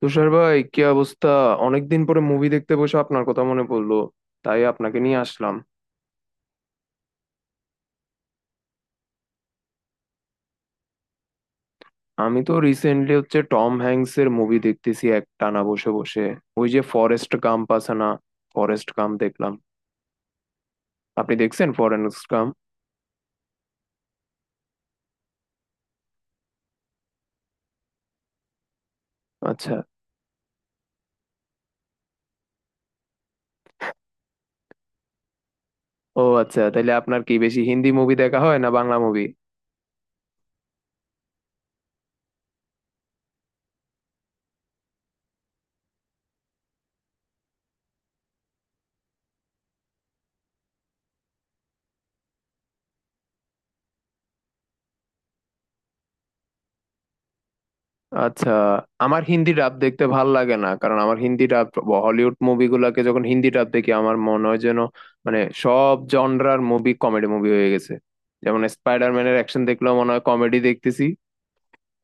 তুষার ভাই কি অবস্থা? অনেকদিন পরে মুভি দেখতে বসে আপনার কথা মনে পড়লো, তাই আপনাকে নিয়ে আসলাম। আমি তো রিসেন্টলি টম হ্যাংস এর মুভি দেখতেছি এক টানা বসে বসে। ওই যে ফরেস্ট গাম্প আছে না, ফরেস্ট গাম্প দেখলাম। আপনি দেখছেন ফরেস্ট গাম্প? আচ্ছা। ও আচ্ছা, তাহলে আপনার কি বেশি হিন্দি মুভি দেখা হয় না বাংলা মুভি? আচ্ছা। আমার হিন্দি ডাব দেখতে ভাল লাগে না, কারণ আমার হিন্দি ডাব হলিউড মুভিগুলোকে যখন হিন্দি ডাব দেখি আমার মনে হয় যেন, মানে সব জনরার মুভি কমেডি মুভি হয়ে গেছে। যেমন স্পাইডারম্যানের অ্যাকশন দেখলেও মনে হয় কমেডি দেখতেছি।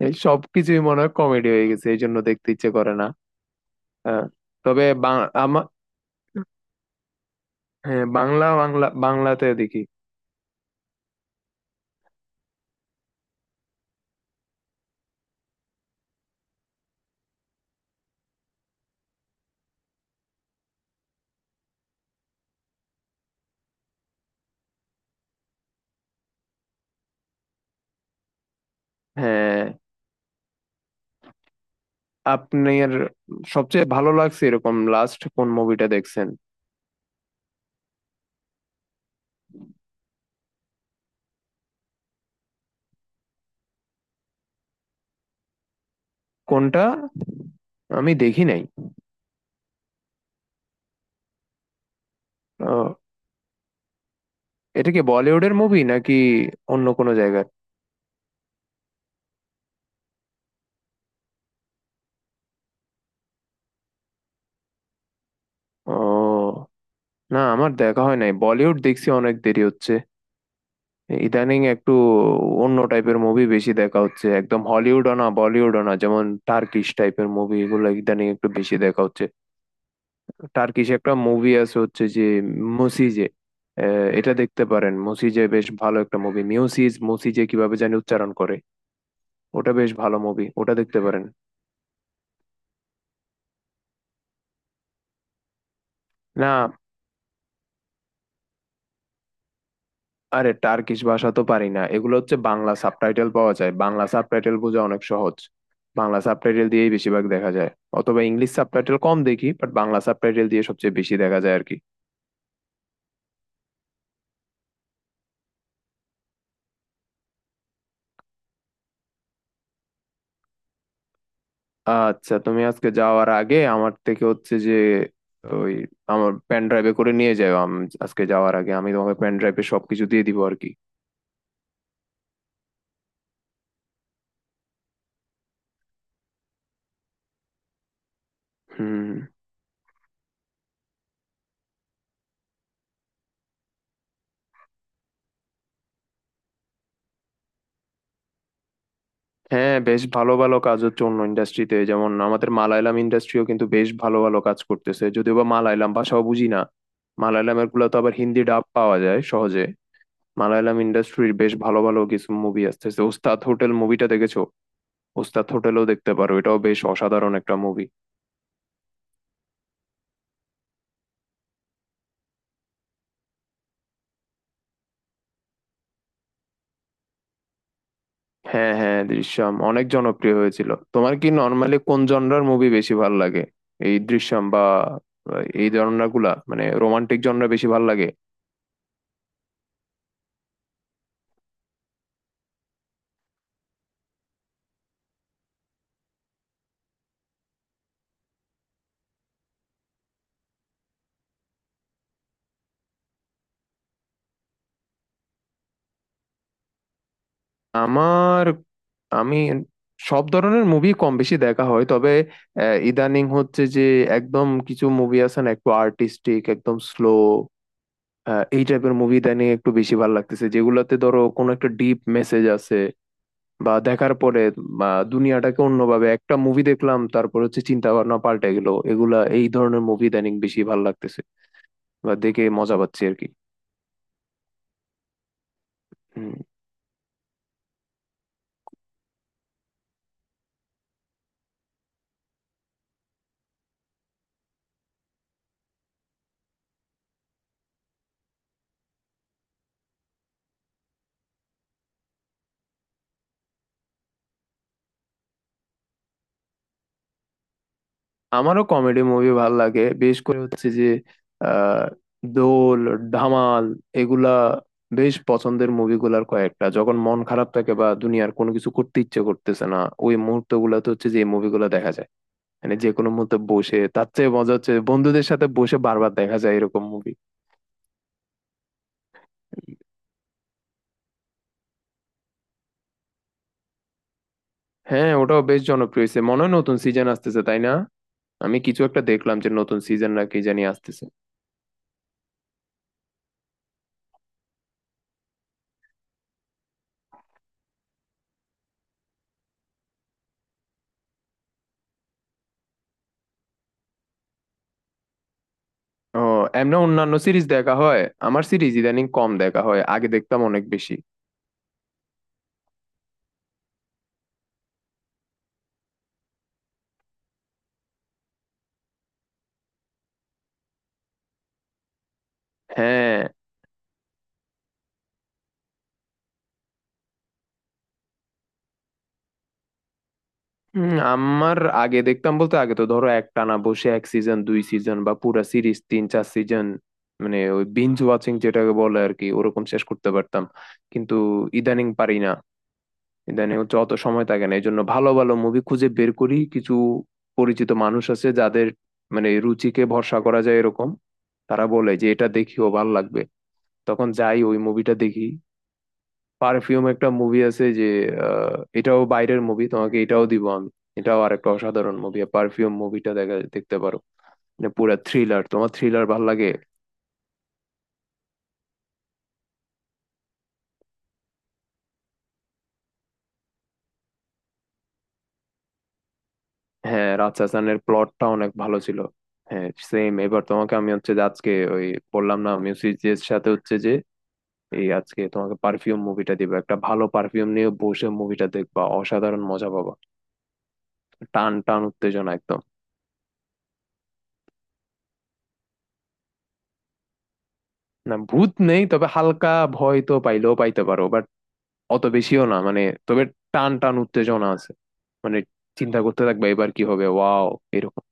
এই সবকিছুই মনে হয় কমেডি হয়ে গেছে, এই জন্য দেখতে ইচ্ছে করে না। হ্যাঁ, তবে আমার, হ্যাঁ, বাংলা বাংলা বাংলাতে দেখি। হ্যাঁ, আপনার সবচেয়ে ভালো লাগছে এরকম লাস্ট কোন মুভিটা দেখছেন? কোনটা? আমি দেখি নাই। এটা কি বলিউডের মুভি নাকি অন্য কোনো জায়গার? ও, না আমার দেখা হয় নাই, বলিউড দেখছি অনেক দেরি হচ্ছে। ইদানিং একটু অন্য টাইপের মুভি বেশি দেখা হচ্ছে, একদম হলিউডও না বলিউডও না, যেমন টার্কিশ টাইপের মুভি এগুলো ইদানিং একটু বেশি দেখা হচ্ছে। টার্কিশ একটা মুভি আছে যে মুসিজে, এটা দেখতে পারেন। মুসিজে বেশ ভালো একটা মুভি। মিউসিজ, মুসিজে, কিভাবে জানি উচ্চারণ করে। ওটা বেশ ভালো মুভি, ওটা দেখতে পারেন। না, আরে টার্কিশ ভাষা তো পারি না, এগুলো বাংলা সাবটাইটেল পাওয়া যায়, বাংলা সাবটাইটেল বোঝা অনেক সহজ। বাংলা সাবটাইটেল দিয়েই বেশিরভাগ দেখা যায়। অথবা ইংলিশ সাবটাইটেল কম দেখি, বাট বাংলা সাবটাইটেল দিয়ে সবচেয়ে বেশি দেখা যায় আর কি। আচ্ছা তুমি আজকে যাওয়ার আগে আমার থেকে হচ্ছে যে ওই আমার পেন ড্রাইভে করে নিয়ে যাও। আজকে যাওয়ার আগে আমি তোমাকে পেন ড্রাইভে সবকিছু দিয়ে দিব আর কি। হুম। হ্যাঁ বেশ ভালো ভালো কাজ হচ্ছে অন্য ইন্ডাস্ট্রিতে, যেমন আমাদের মালায়ালাম ইন্ডাস্ট্রিও কিন্তু বেশ ভালো ভালো কাজ করতেছে, যদিও বা মালায়ালাম ভাষাও বুঝি না। মালায়ালামের গুলো তো আবার হিন্দি ডাব পাওয়া যায় সহজে। মালায়ালাম ইন্ডাস্ট্রির বেশ ভালো ভালো কিছু মুভি আসতেছে। ওস্তাদ হোটেল মুভিটা দেখেছো? ওস্তাদ হোটেলও দেখতে পারো, এটাও বেশ অসাধারণ একটা মুভি। হ্যাঁ হ্যাঁ, দৃশ্যম অনেক জনপ্রিয় হয়েছিল। তোমার কি নর্মালি কোন জনরার মুভি বেশি ভালো লাগে? এই দৃশ্যম বা এই জনরা গুলা, মানে রোমান্টিক জনরা বেশি ভালো লাগে? আমার, আমি সব ধরনের মুভি কম বেশি দেখা হয়, তবে ইদানিং হচ্ছে যে একদম কিছু মুভি আছে না, একটু আর্টিস্টিক একদম স্লো, এই টাইপের মুভি ইদানিং একটু বেশি ভালো লাগতেছে, যেগুলোতে ধরো কোনো একটা ডিপ মেসেজ আছে। বা দেখার পরে, বা দুনিয়াটাকে অন্যভাবে একটা মুভি দেখলাম, তারপর চিন্তা ভাবনা পাল্টে গেল, এগুলা এই ধরনের মুভি ইদানিং বেশি ভালো লাগতেছে। বা দেখে মজা পাচ্ছি আর কি। হুম। আমারও কমেডি মুভি ভাল লাগে, বেশ করে হচ্ছে যে আহ দোল, ধামাল, এগুলা বেশ পছন্দের মুভিগুলার কয়েকটা। যখন মন খারাপ থাকে বা দুনিয়ার কোনো কিছু করতে ইচ্ছে করতেছে না, ওই মুহূর্ত গুলাতে হচ্ছে যে এই মুভিগুলো দেখা যায়। মানে যে কোনো মুহূর্তে বসে, তার চেয়ে মজা বন্ধুদের সাথে বসে বারবার দেখা যায় এরকম মুভি। হ্যাঁ, ওটাও বেশ জনপ্রিয় হয়েছে, মনে হয় নতুন সিজন আসতেছে তাই না? আমি কিছু একটা দেখলাম যে নতুন সিজন না কি জানি আসতেছে। ও, এমনি অন্যান্য সিরিজ দেখা হয়? আমার সিরিজ ইদানিং কম দেখা হয়, আগে দেখতাম অনেক বেশি। হ্যাঁ। আমার, আগে দেখতাম বলতে আগে তো ধরো একটানা বসে এক সিজন দুই সিজন বা পুরা সিরিজ তিন চার সিজন, মানে ওই বিঞ্জ ওয়াচিং যেটাকে বলে আর কি, ওরকম শেষ করতে পারতাম। কিন্তু ইদানিং পারি না। ইদানিং অত সময় থাকে না, এই জন্য ভালো ভালো মুভি খুঁজে বের করি। কিছু পরিচিত মানুষ আছে যাদের, মানে রুচিকে ভরসা করা যায় এরকম, তারা বলে যে এটা দেখিও ভাল লাগবে, তখন যাই ওই মুভিটা দেখি। পারফিউম একটা মুভি আছে যে, এটাও বাইরের মুভি, তোমাকে এটাও দিব আমি। এটাও আরেকটা অসাধারণ মুভি, পারফিউম মুভিটা দেখতে পারো। মানে পুরা থ্রিলার। তোমার থ্রিলার ভাল লাগে? হ্যাঁ, রাজশাসনের প্লটটা অনেক ভালো ছিল। হ্যাঁ সেম। এবার তোমাকে আমি হচ্ছে যে আজকে, ওই বললাম না মিউজিকের সাথে হচ্ছে যে এই আজকে তোমাকে পারফিউম মুভিটা দিব। একটা ভালো পারফিউম নিয়ে বসে মুভিটা দেখবা, অসাধারণ মজা পাবা। টান টান উত্তেজনা একদম। না ভূত নেই, তবে হালকা ভয় তো পাইলেও পাইতে পারো, অত বেশিও না মানে। তবে টান টান উত্তেজনা আছে, মানে চিন্তা করতে থাকবে এবার কি হবে, ওয়াও এরকম।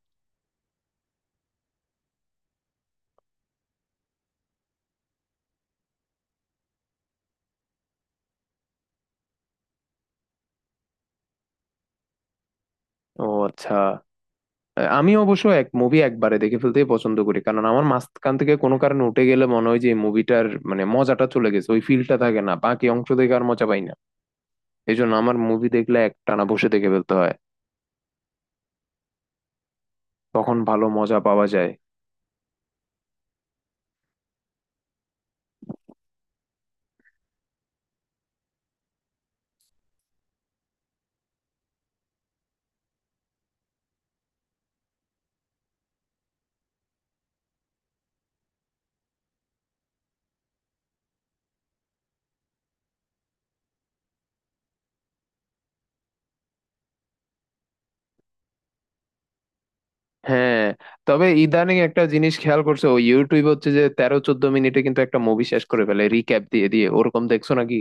ও আচ্ছা। আমি অবশ্য এক মুভি একবারে দেখে ফেলতেই পছন্দ করি, কারণ আমার মাঝখান থেকে কোনো কারণে উঠে গেলে মনে হয় যে মুভিটার মানে মজাটা চলে গেছে, ওই ফিলটা থাকে না, বাকি অংশ দেখে আর মজা পাই না। এই জন্য আমার মুভি দেখলে একটানা বসে দেখে ফেলতে হয়, তখন ভালো মজা পাওয়া যায়। হ্যাঁ, তবে ইদানিং একটা জিনিস খেয়াল করছে ও, ইউটিউব হচ্ছে যে তেরো চোদ্দ মিনিটে কিন্তু একটা মুভি শেষ করে ফেলে রিক্যাপ দিয়ে দিয়ে, ওরকম দেখছো নাকি?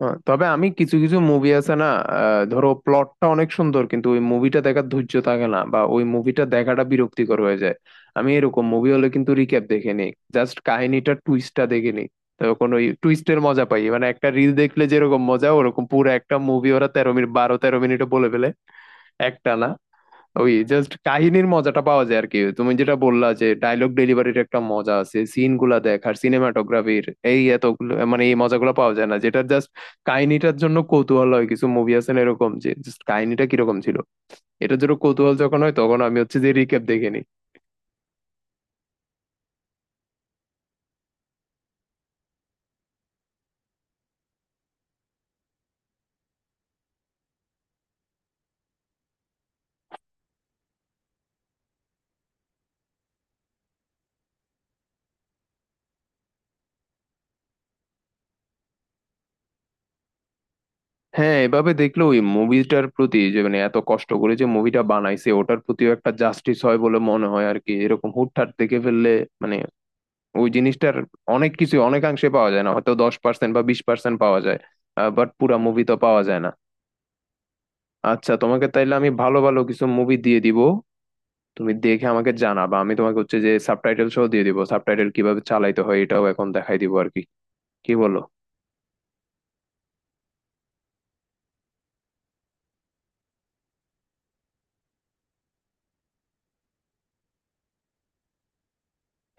হ্যাঁ, তবে আমি কিছু কিছু মুভি আছে না, ধরো প্লটটা অনেক সুন্দর কিন্তু ওই মুভিটা দেখার ধৈর্য থাকে না বা ওই মুভিটা দেখাটা বিরক্তিকর হয়ে যায়, আমি এরকম মুভি হলে কিন্তু রিক্যাপ দেখে নিই। জাস্ট কাহিনীটা, টুইস্টটা দেখে নিই, তখন ওই টুইস্টের মজা পাই। মানে একটা রিল দেখলে যেরকম মজা, ওরকম পুরো একটা মুভি ওরা তেরো মিনিট, বারো তেরো মিনিটে বলে ফেলে একটা না। ওই জাস্ট কাহিনীর মজাটা পাওয়া যায় আর কি। তুমি যেটা বললা যে ডায়লগ ডেলিভারির একটা মজা আছে, সিন গুলা দেখ আর সিনেমাটোগ্রাফির, এই এতগুলো মানে এই মজাগুলো পাওয়া যায় না, যেটা জাস্ট কাহিনীটার জন্য কৌতূহল হয়। কিছু মুভি আছে না এরকম, যে জাস্ট কাহিনীটা কিরকম ছিল এটার জন্য কৌতূহল যখন হয়, তখন আমি হচ্ছে যে রিক্যাপ দেখে নিই। হ্যাঁ, এভাবে দেখলে ওই মুভিটার প্রতি যে, মানে এত কষ্ট করে যে মুভিটা বানাইছে ওটার প্রতিও একটা জাস্টিস হয় বলে মনে হয় আর কি, এরকম হুটহাট দেখে ফেললে। মানে ওই জিনিসটার অনেক কিছু, অনেকাংশে পাওয়া যায় না, হয়তো 10% বা 20% পাওয়া যায়, বাট পুরা মুভি তো পাওয়া যায় না। আচ্ছা তোমাকে তাইলে আমি ভালো ভালো কিছু মুভি দিয়ে দিব, তুমি দেখে আমাকে জানাবা। আমি তোমাকে হচ্ছে যে সাবটাইটেল সহ দিয়ে দিব, সাবটাইটেল কিভাবে চালাইতে হয় এটাও এখন দেখাই দিব আর কি। কি বলো?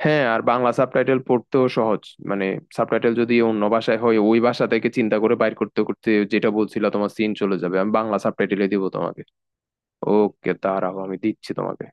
হ্যাঁ আর বাংলা সাবটাইটেল পড়তেও সহজ। মানে সাবটাইটেল যদি অন্য ভাষায় হয়, ওই ভাষা থেকে চিন্তা করে বাইর করতে করতে যেটা বলছিল তোমার সিন চলে যাবে। আমি বাংলা সাবটাইটেলে দিব তোমাকে। ওকে দাঁড়াও আমি দিচ্ছি তোমাকে।